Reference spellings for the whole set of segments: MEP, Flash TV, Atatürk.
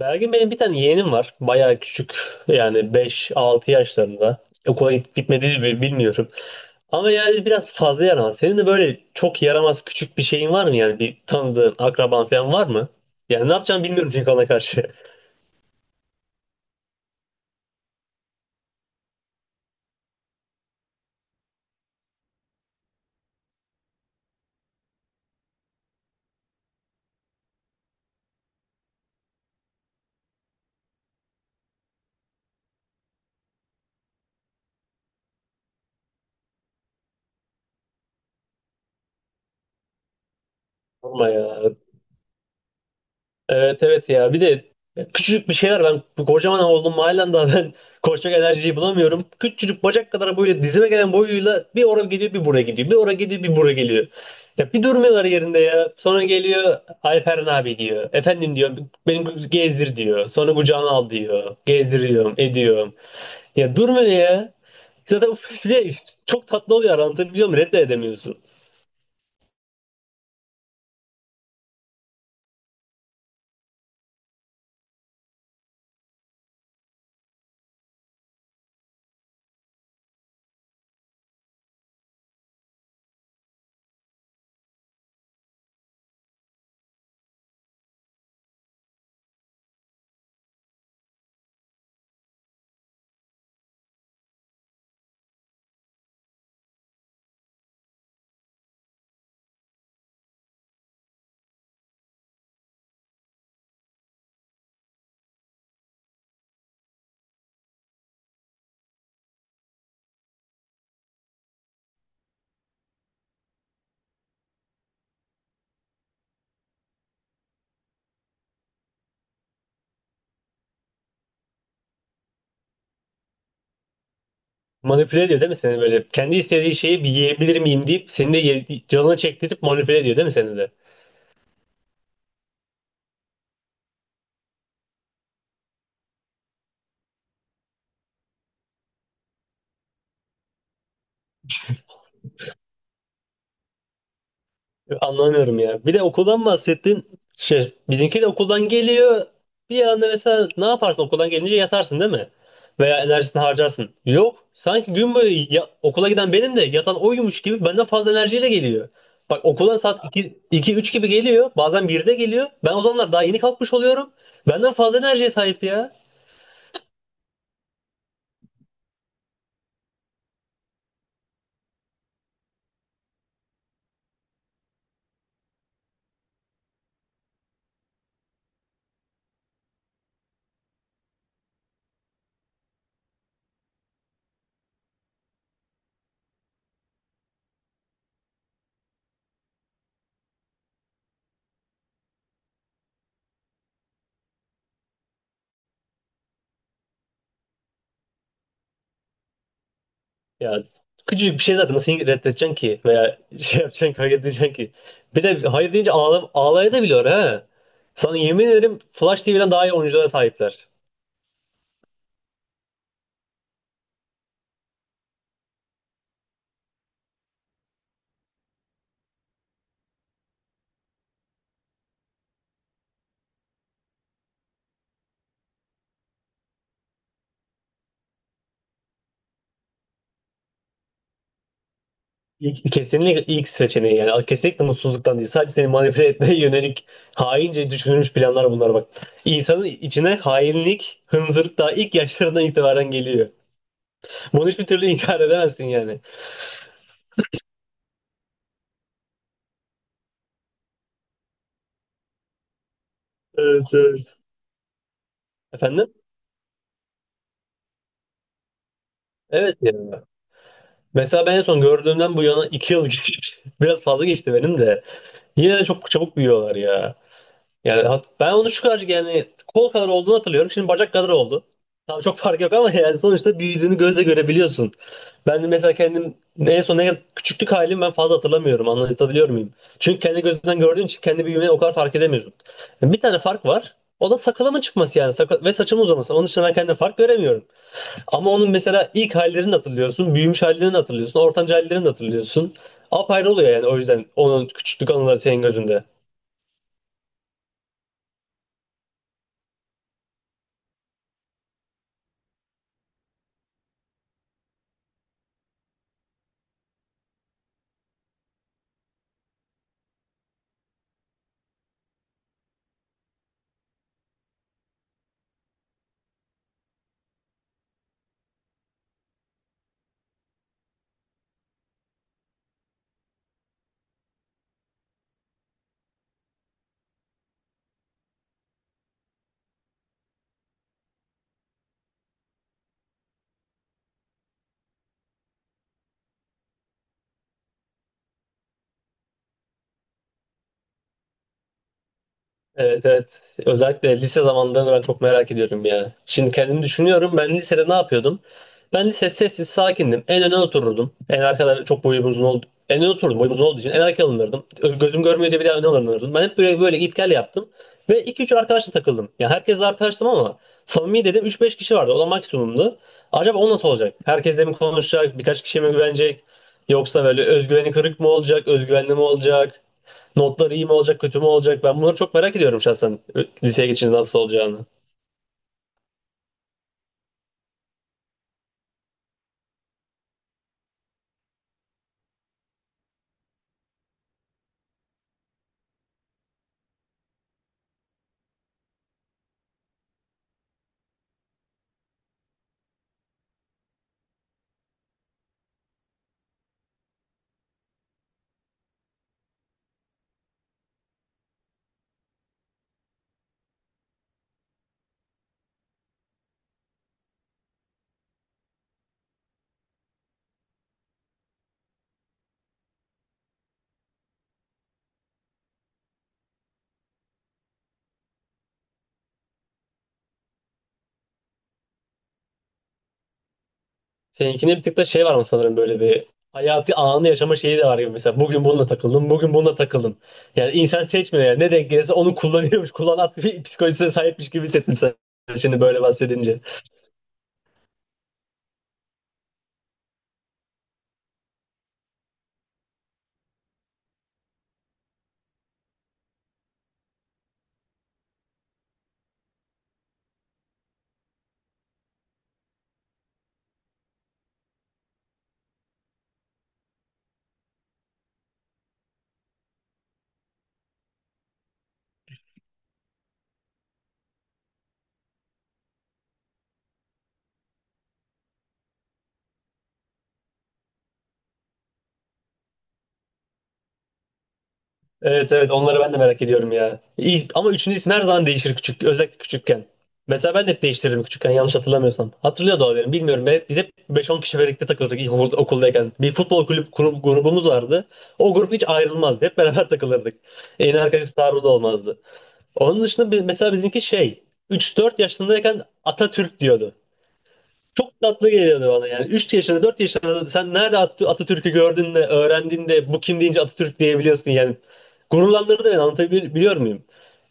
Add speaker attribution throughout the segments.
Speaker 1: Belgin benim bir tane yeğenim var. Bayağı küçük. Yani beş-altı yaşlarında. Okula gitmediğini bilmiyorum. Ama yani biraz fazla yaramaz. Senin de böyle çok yaramaz küçük bir şeyin var mı? Yani bir tanıdığın, akraban falan var mı? Yani ne yapacağımı bilmiyorum çünkü ona karşı. Sorma ya. Evet, evet, ya bir de küçücük bir şeyler, ben kocaman oldum halen daha ben koşacak enerjiyi bulamıyorum. Küçücük bacak kadar böyle dizime gelen boyuyla bir oraya gidiyor, bir buraya gidiyor, bir oraya gidiyor, bir buraya geliyor. Ya bir durmuyorlar yerinde, ya sonra geliyor, Alperen abi diyor, efendim diyor, beni gezdir diyor, sonra kucağına al diyor, gezdiriyorum ediyorum. Ya durmuyor ya zaten. Bir de çok tatlı oluyor, anlatabiliyor muyum, reddedemiyorsun. Manipüle ediyor değil mi seni böyle? Kendi istediği şeyi bir yiyebilir miyim deyip seni de canını çektirip manipüle ediyor değil mi seni de? Anlamıyorum ya. Bir de okuldan bahsettin. Şey, bizimki de okuldan geliyor. Bir anda mesela ne yaparsın, okuldan gelince yatarsın değil mi? Veya enerjisini harcarsın. Yok. Sanki gün boyu okula giden benim de yatan oymuş gibi benden fazla enerjiyle geliyor. Bak okula saat iki üç gibi geliyor. Bazen 1'de geliyor. Ben o zamanlar daha yeni kalkmış oluyorum. Benden fazla enerjiye sahip ya. Ya küçücük bir şey zaten nasıl reddedeceksin ki, veya şey yapacaksın, kavga edeceksin ki. Bir de hayır deyince ağlayabiliyor ha. Sana yemin ederim Flash TV'den daha iyi oyunculara sahipler. İlk, kesinlikle ilk seçeneği yani, kesinlikle mutsuzluktan değil. Sadece seni manipüle etmeye yönelik haince düşünülmüş planlar bunlar bak. İnsanın içine hainlik, hınzırlık daha ilk yaşlarından itibaren geliyor. Bunu hiçbir türlü inkar edemezsin yani. Evet, evet. Efendim? Evet ya. Mesela ben en son gördüğümden bu yana 2 yıl geçti. Biraz fazla geçti benim de. Yine de çok çabuk büyüyorlar ya. Yani ben onu şu kadar yani kol kadar olduğunu hatırlıyorum. Şimdi bacak kadar oldu. Tamam çok fark yok ama yani sonuçta büyüdüğünü gözle görebiliyorsun. Ben de mesela kendim en son ne küçüklük halimi ben fazla hatırlamıyorum. Anlatabiliyor muyum? Çünkü kendi gözünden gördüğün için kendi büyümeni o kadar fark edemiyorsun. Bir tane fark var. O da sakalımın çıkması yani. Sakal ve saçımın uzaması. Onun dışında ben kendim fark göremiyorum. Ama onun mesela ilk hallerini hatırlıyorsun, büyümüş hallerini hatırlıyorsun, ortanca hallerini hatırlıyorsun. Apayrı oluyor yani, o yüzden onun küçüklük anıları senin gözünde. Evet, evet. Özellikle lise zamanlarını ben çok merak ediyorum ya. Şimdi kendimi düşünüyorum. Ben lisede ne yapıyordum? Ben lise sessiz sakindim. En öne otururdum. En arkada çok boyum uzun oldu. En öne oturdum, boyum uzun olduğu için en arkaya alınırdım. Gözüm görmüyor diye bir daha öne alınırdım. Ben hep böyle böyle git gel yaptım. Ve iki üç arkadaşla takıldım. Ya herkesle arkadaştım ama samimi dedim üç beş kişi vardı. O da maksimumdu. Acaba o nasıl olacak? Herkesle mi konuşacak? Birkaç kişiye mi güvenecek? Yoksa böyle özgüveni kırık mı olacak? Özgüvenli mi olacak? Notlar iyi mi olacak, kötü mü olacak? Ben bunları çok merak ediyorum şahsen, liseye geçince nasıl olacağını. Seninkinde bir tık da şey var mı, sanırım böyle bir hayatı anı yaşama şeyi de var gibi, mesela bugün bununla takıldım, bugün bununla takıldım. Yani insan seçmiyor yani, ne denk gelirse onu kullanıyormuş, kullanat bir psikolojisine sahipmiş gibi hissettim sen şimdi böyle bahsedince. Evet, evet, onları ben de merak ediyorum ya. İlk, ama üçüncü isim her zaman değişir küçük, özellikle küçükken. Mesela ben de hep değiştiririm küçükken yanlış hatırlamıyorsam. Hatırlıyor da olabilirim, bilmiyorum. Be biz hep 5-10 kişi birlikte takılırdık ilk okuldayken. Bir futbol grubumuz vardı. O grup hiç ayrılmazdı. Hep beraber takılırdık. En arkadaş taarruğu olmazdı. Onun dışında mesela bizimki şey üç dört yaşındayken Atatürk diyordu. Çok tatlı geliyordu bana yani. Üç yaşında 4 yaşında da sen nerede Atatürk'ü gördün de öğrendin de bu kim deyince Atatürk diyebiliyorsun yani. Gururlandırdı beni, anlatabiliyor muyum?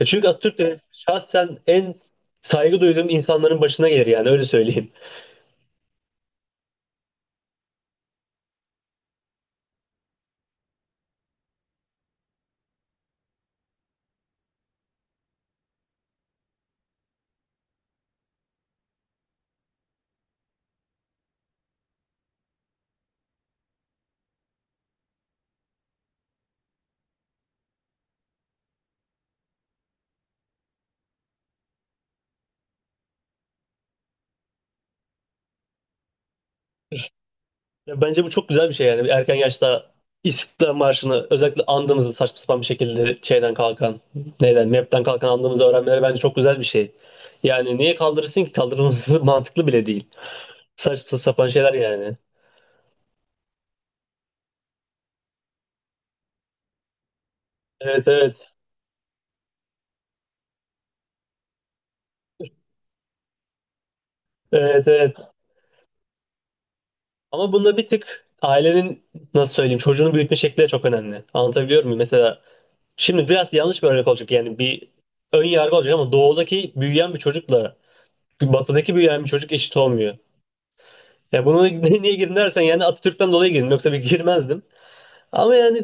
Speaker 1: Ya çünkü Atatürk de şahsen en saygı duyduğum insanların başına gelir yani, öyle söyleyeyim. Ya bence bu çok güzel bir şey yani, erken yaşta İstiklal Marşı'nı, özellikle andığımızı saçma sapan bir şekilde şeyden kalkan, neyden MEP'ten kalkan andığımızı öğrenmeleri bence çok güzel bir şey. Yani niye kaldırırsın ki, kaldırılması mantıklı bile değil. Saçma sapan şeyler yani. Evet, evet. Evet, evet. Ama bunda bir tık ailenin nasıl söyleyeyim çocuğunu büyütme şekli de çok önemli. Anlatabiliyor muyum? Mesela şimdi biraz yanlış bir örnek olacak yani, bir ön yargı olacak ama doğudaki büyüyen bir çocukla batıdaki büyüyen bir çocuk eşit olmuyor. Ya bunu niye girdim dersen yani Atatürk'ten dolayı girdim, yoksa bir girmezdim. Ama yani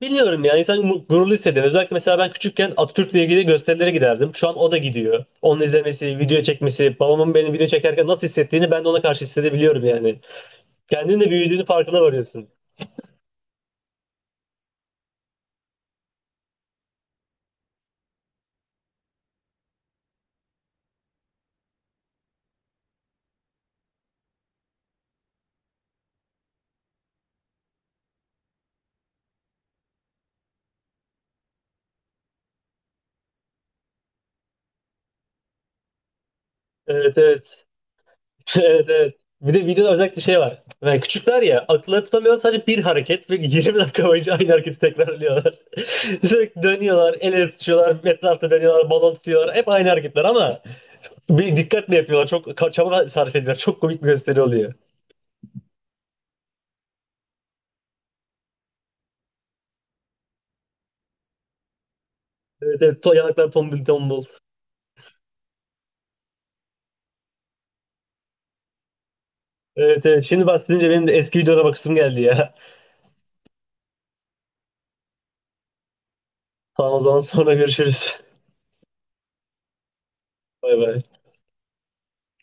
Speaker 1: bilmiyorum yani, insan gururlu hissediyor. Özellikle mesela ben küçükken Atatürk'le ilgili gösterilere giderdim. Şu an o da gidiyor. Onun izlemesi, video çekmesi, babamın beni video çekerken nasıl hissettiğini ben de ona karşı hissedebiliyorum yani. Kendin de büyüdüğünü farkına varıyorsun. Evet, evet. Evet, evet. Bir de videoda özellikle şey var. Yani küçükler ya akılları tutamıyor, sadece bir hareket ve 20 dakika boyunca aynı hareketi tekrarlıyorlar. Sürekli dönüyorlar, el ele tutuyorlar, etrafta dönüyorlar, balon tutuyorlar. Hep aynı hareketler ama bir dikkatle yapıyorlar. Çok çaba sarf ediyorlar. Çok komik bir gösteri oluyor. Evet, evet. To yanaklar tombul tombul. Evet, evet. Şimdi bahsedince benim de eski videolara bakısım geldi ya. Tamam, o zaman sonra görüşürüz. Bay bay.